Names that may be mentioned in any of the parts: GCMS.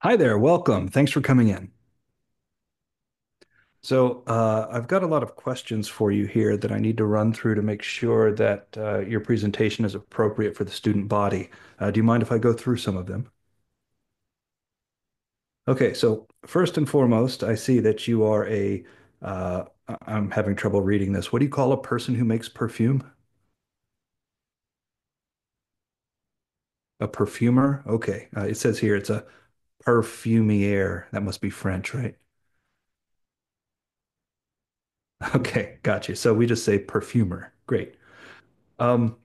Hi there, welcome. Thanks for coming in. So, I've got a lot of questions for you here that I need to run through to make sure that your presentation is appropriate for the student body. Do you mind if I go through some of them? Okay, so first and foremost, I see that you are a, am having trouble reading this. What do you call a person who makes perfume? A perfumer? Okay, it says here it's a perfumier. That must be French, right? Okay, got you. So we just say perfumer. Great. Um,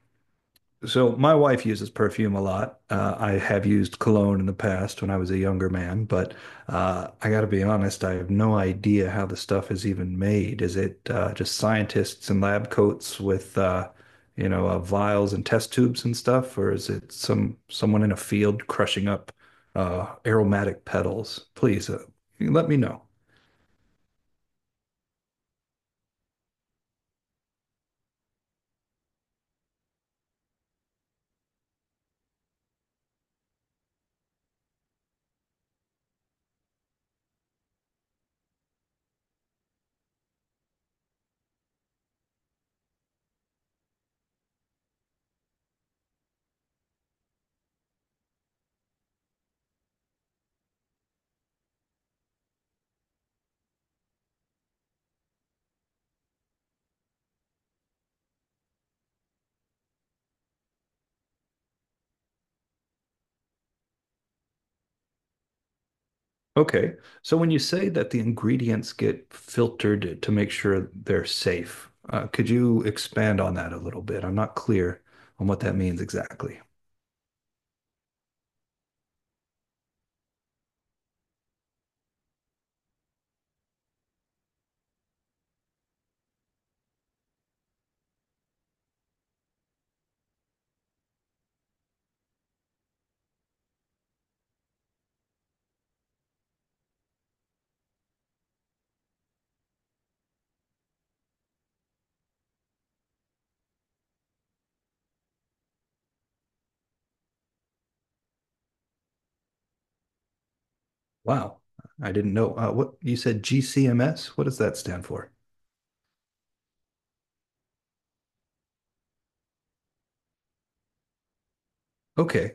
So my wife uses perfume a lot. I have used cologne in the past when I was a younger man, but I got to be honest, I have no idea how the stuff is even made. Is it just scientists in lab coats with vials and test tubes and stuff, or is it someone in a field crushing up aromatic petals? Please let me know. Okay. So when you say that the ingredients get filtered to make sure they're safe, could you expand on that a little bit? I'm not clear on what that means exactly. Wow. I didn't know. What you said GCMS? What does that stand for? Okay.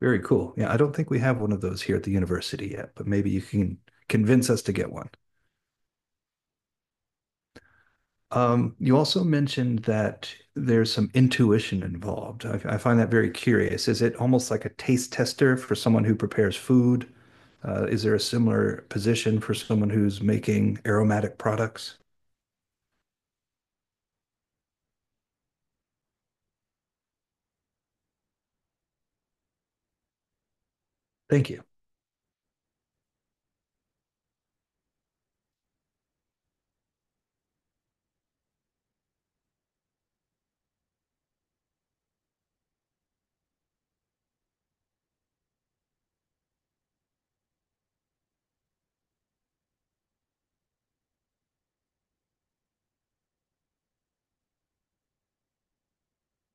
Very cool. Yeah, I don't think we have one of those here at the university yet, but maybe you can convince us to get one. You also mentioned that there's some intuition involved. I find that very curious. Is it almost like a taste tester for someone who prepares food? Is there a similar position for someone who's making aromatic products? Thank you.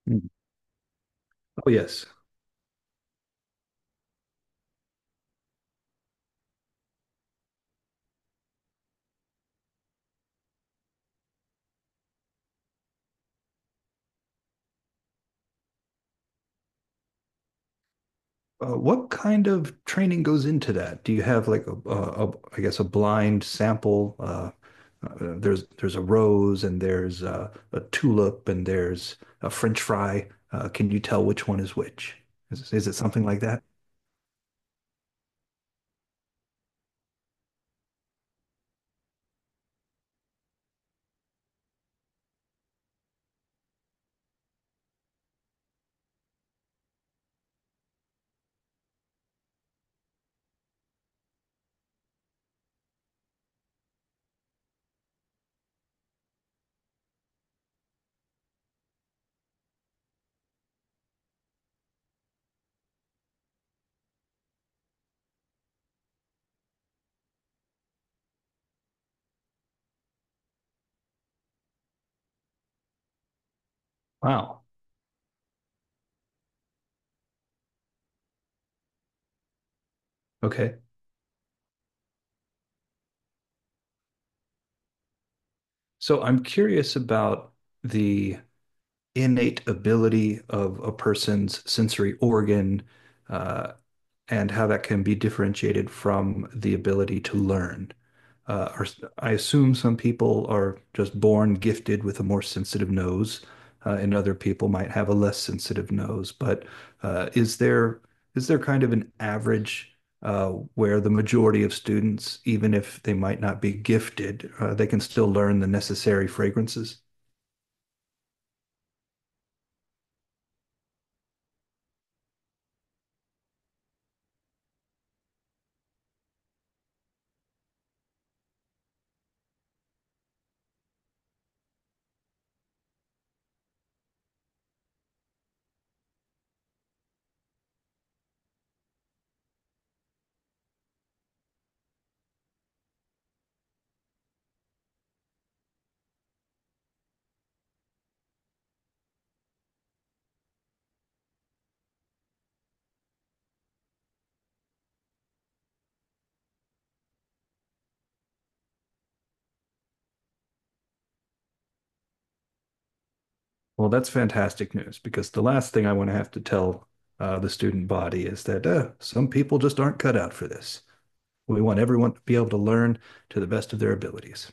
Mm. Oh, yes. What kind of training goes into that? Do you have like a I guess a blind sample? There's a rose and there's a tulip and there's a French fry. Can you tell which one is which? Is it something like that? Wow. Okay. So I'm curious about the innate ability of a person's sensory organ uh, and how that can be differentiated from the ability to learn. Uh, or, I assume some people are just born gifted with a more sensitive nose, and other people might have a less sensitive nose. But is there kind of an average uh, where the majority of students, even if they might not be gifted, they can still learn the necessary fragrances? Well, that's fantastic news because the last thing I want to have to tell the student body is that some people just aren't cut out for this. We want everyone to be able to learn to the best of their abilities.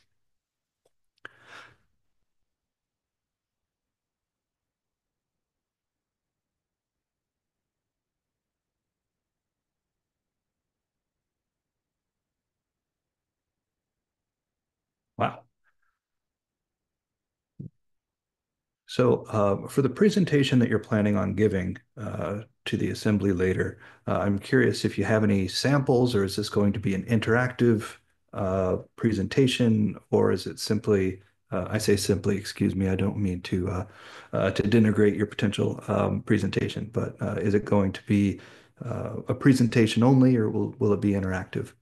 Wow. So for the presentation that you're planning on giving to the assembly later, I'm curious if you have any samples, or is this going to be an interactive presentation, or is it simply, I say simply, excuse me, I don't mean to denigrate your potential presentation, but is it going to be a presentation only, or will it be interactive?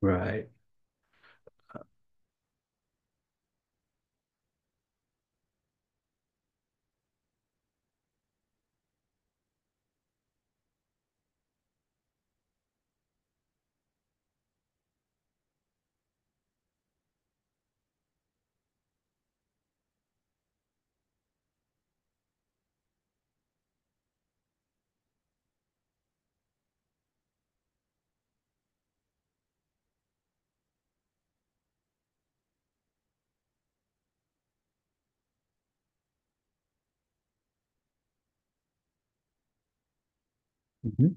Right. Mhm.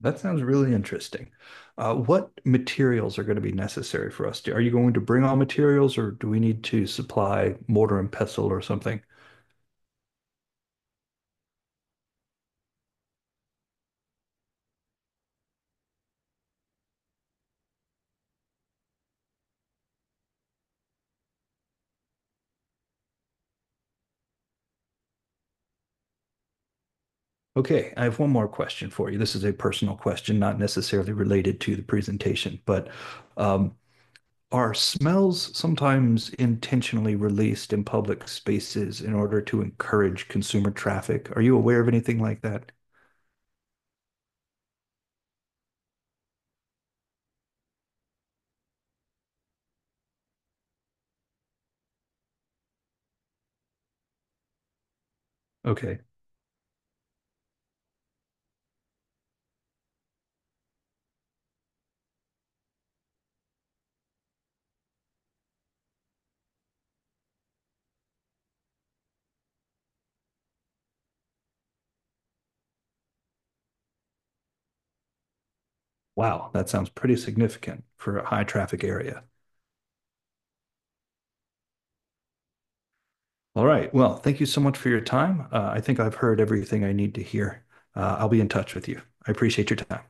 That sounds really interesting. What materials are going to be necessary for us? Are you going to bring all materials, or do we need to supply mortar and pestle or something? Okay, I have one more question for you. This is a personal question, not necessarily related to the presentation, but um, are smells sometimes intentionally released in public spaces in order to encourage consumer traffic? Are you aware of anything like that? Okay, wow, that sounds pretty significant for a high traffic area. All right. Well, thank you so much for your time. I think I've heard everything I need to hear. I'll be in touch with you. I appreciate your time.